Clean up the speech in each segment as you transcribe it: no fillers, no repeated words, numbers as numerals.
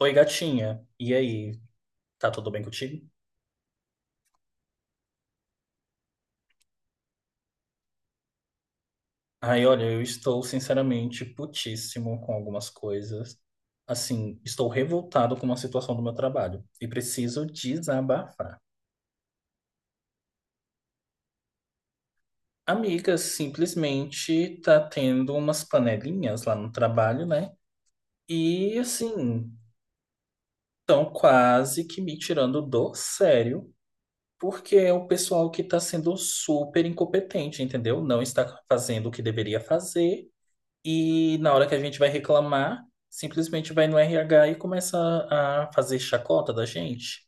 Oi, gatinha. E aí, tá tudo bem contigo? Ai, olha, eu estou sinceramente putíssimo com algumas coisas. Assim, estou revoltado com uma situação do meu trabalho e preciso desabafar. Amiga, simplesmente tá tendo umas panelinhas lá no trabalho, né? E assim, estão quase que me tirando do sério, porque é o pessoal que tá sendo super incompetente, entendeu? Não está fazendo o que deveria fazer. E na hora que a gente vai reclamar, simplesmente vai no RH e começa a fazer chacota da gente.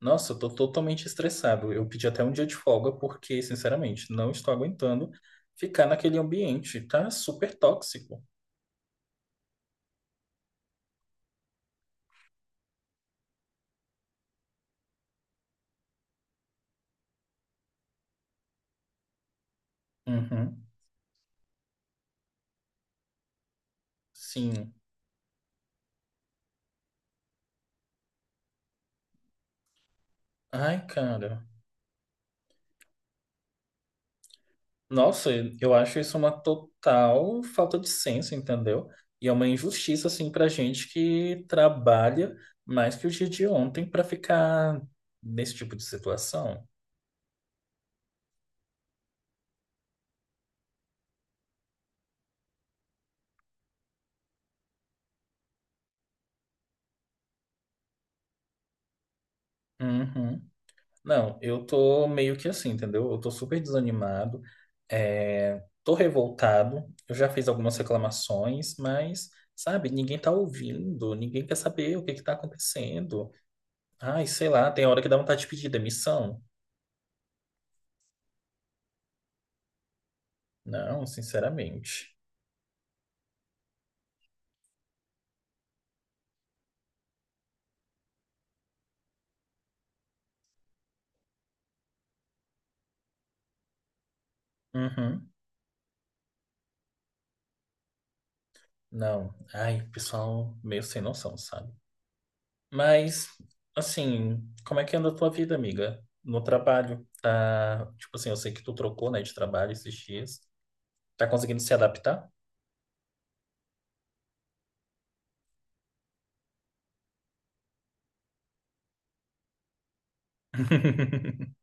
Nossa, eu tô totalmente estressado. Eu pedi até um dia de folga porque, sinceramente, não estou aguentando ficar naquele ambiente. Tá super tóxico. Uhum. Sim. Ai, cara. Nossa, eu acho isso uma total falta de senso, entendeu? E é uma injustiça, assim, pra gente que trabalha mais que o dia de ontem pra ficar nesse tipo de situação. Uhum. Não, eu tô meio que assim, entendeu? Eu tô super desanimado, é, tô revoltado, eu já fiz algumas reclamações, mas, sabe, ninguém tá ouvindo, ninguém quer saber o que que tá acontecendo. Ai, sei lá, tem hora que dá vontade de pedir demissão. Não, sinceramente. Uhum. Não, ai, pessoal meio sem noção, sabe? Mas, assim, como é que anda a tua vida, amiga? No trabalho, tá? Tipo assim, eu sei que tu trocou, né, de trabalho esses dias. Tá conseguindo se adaptar?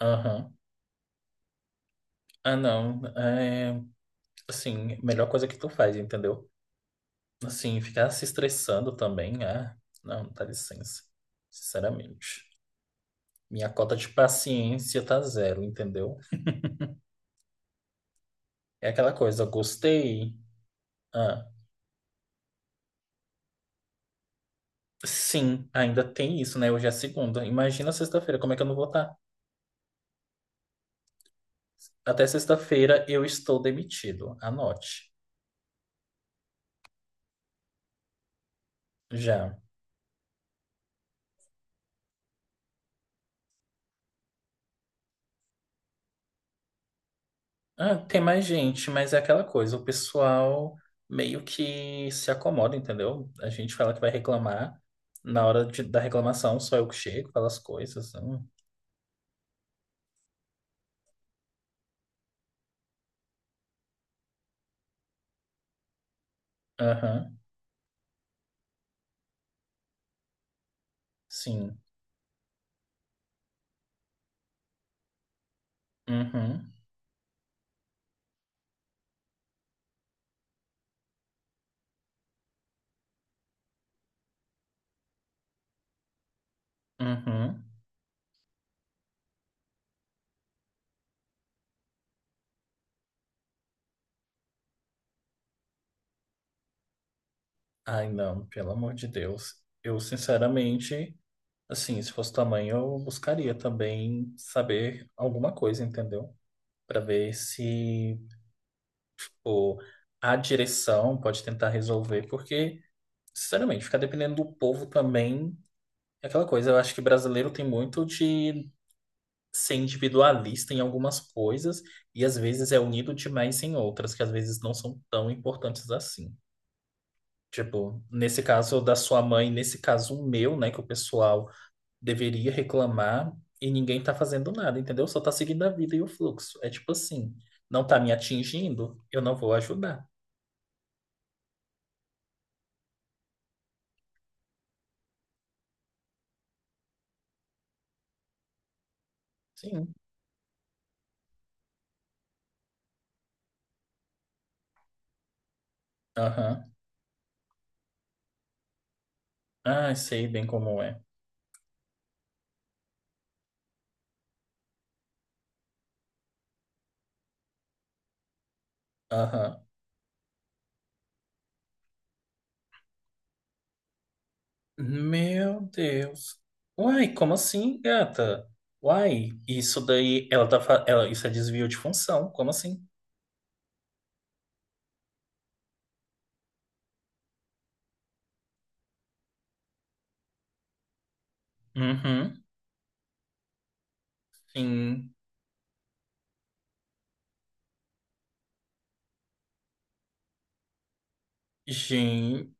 Aham. Ah, não. É, assim, melhor coisa que tu faz, entendeu? Assim, ficar se estressando também, ah, não, dá licença. Sinceramente. Minha cota de paciência tá zero, entendeu? É aquela coisa, gostei. Ah, sim, ainda tem isso, né? Hoje é segunda. Imagina sexta-feira, como é que eu não vou estar? Até sexta-feira eu estou demitido. Anote. Já. Ah, tem mais gente, mas é aquela coisa, o pessoal meio que se acomoda, entendeu? A gente fala que vai reclamar, na hora da reclamação só eu que chego, falo as coisas. Aham, sim. Uhum, uhum. Ai, não, pelo amor de Deus. Eu, sinceramente, assim, se fosse tamanho, eu buscaria também saber alguma coisa, entendeu? Pra ver se, pô, a direção pode tentar resolver, porque, sinceramente, ficar dependendo do povo também. É aquela coisa, eu acho que brasileiro tem muito de ser individualista em algumas coisas e às vezes é unido demais em outras que às vezes não são tão importantes assim. Tipo, nesse caso da sua mãe, nesse caso o meu, né, que o pessoal deveria reclamar e ninguém tá fazendo nada, entendeu? Só tá seguindo a vida e o fluxo. É tipo assim, não tá me atingindo, eu não vou ajudar. Sim. Aham. Ah, sei bem como é. Aham. Meu Deus. Uai, como assim, gata? Uai, isso daí, ela tá, ela, isso é desvio de função, como assim? Uhum, sim. Gen-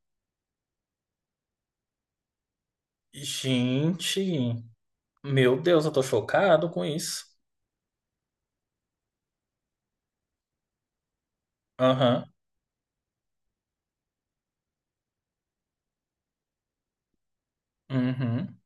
Gente, meu Deus, eu tô chocado com isso. Aham, uhum,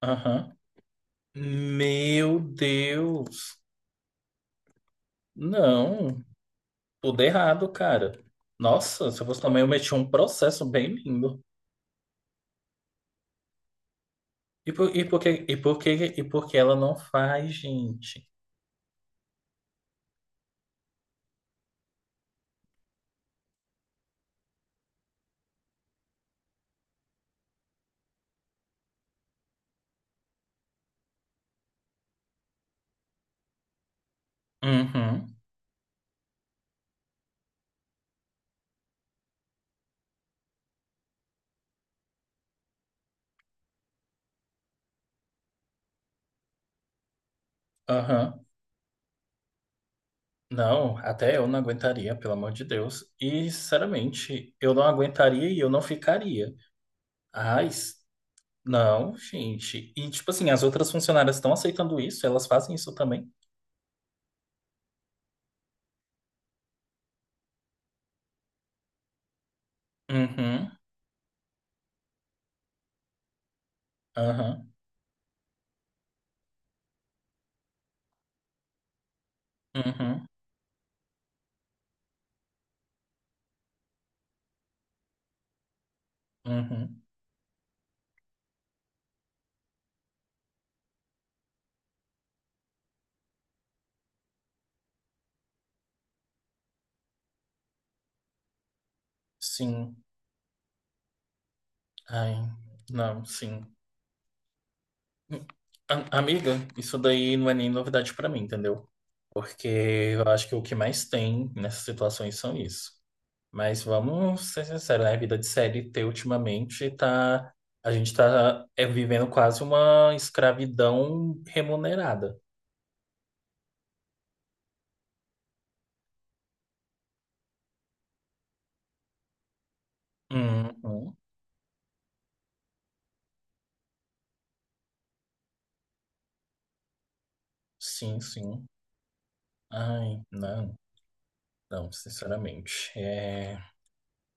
aham. Meu Deus. Não, tudo errado, cara. Nossa, se eu fosse também, eu meti um processo bem lindo. E por, e por que, e por que, e por que ela não faz, gente? Uhum, aham. Não, até eu não aguentaria, pelo amor de Deus. E, sinceramente, eu não aguentaria e eu não ficaria. Ai, não, gente. E, tipo assim, as outras funcionárias estão aceitando isso? Elas fazem isso também? Uhum, aham, uhum, uhum. Sim. Ai, não, sim. Amiga, isso daí não é nem novidade pra mim, entendeu? Porque eu acho que o que mais tem nessas situações são isso. Mas vamos ser sinceros, né? A vida de CLT ultimamente tá. A gente tá é, vivendo quase uma escravidão remunerada. Uhum. Sim, sim. Ai, não, não, sinceramente. É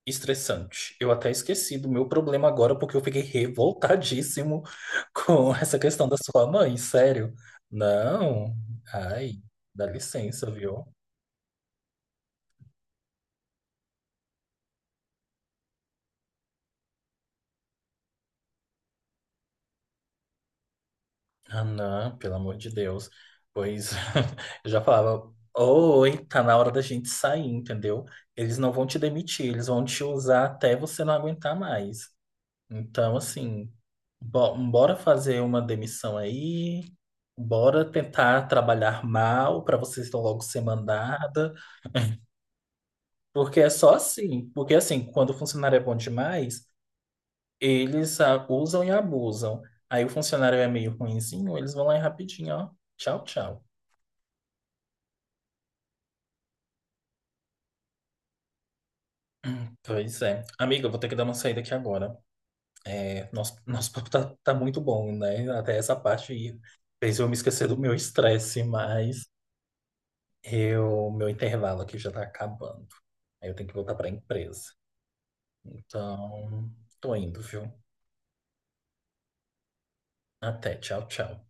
estressante. Eu até esqueci do meu problema agora porque eu fiquei revoltadíssimo com essa questão da sua mãe, sério. Não, ai, dá licença, viu? Ah, não, pelo amor de Deus. Pois eu já falava, oi, tá na hora da gente sair, entendeu? Eles não vão te demitir, eles vão te usar até você não aguentar mais. Então, assim, bora fazer uma demissão aí, bora tentar trabalhar mal para vocês logo ser mandada, porque é só assim, porque assim, quando o funcionário é bom demais, eles ah, usam e abusam. Aí o funcionário é meio ruinzinho, eles vão lá e rapidinho, ó, tchau, tchau. Pois é. Amiga, eu vou ter que dar uma saída aqui agora. É, nosso papo tá muito bom, né? Até essa parte aí fez eu me esquecer do meu estresse, mas eu, meu intervalo aqui já tá acabando. Aí eu tenho que voltar pra empresa. Então, tô indo, viu? Até. Tchau, tchau.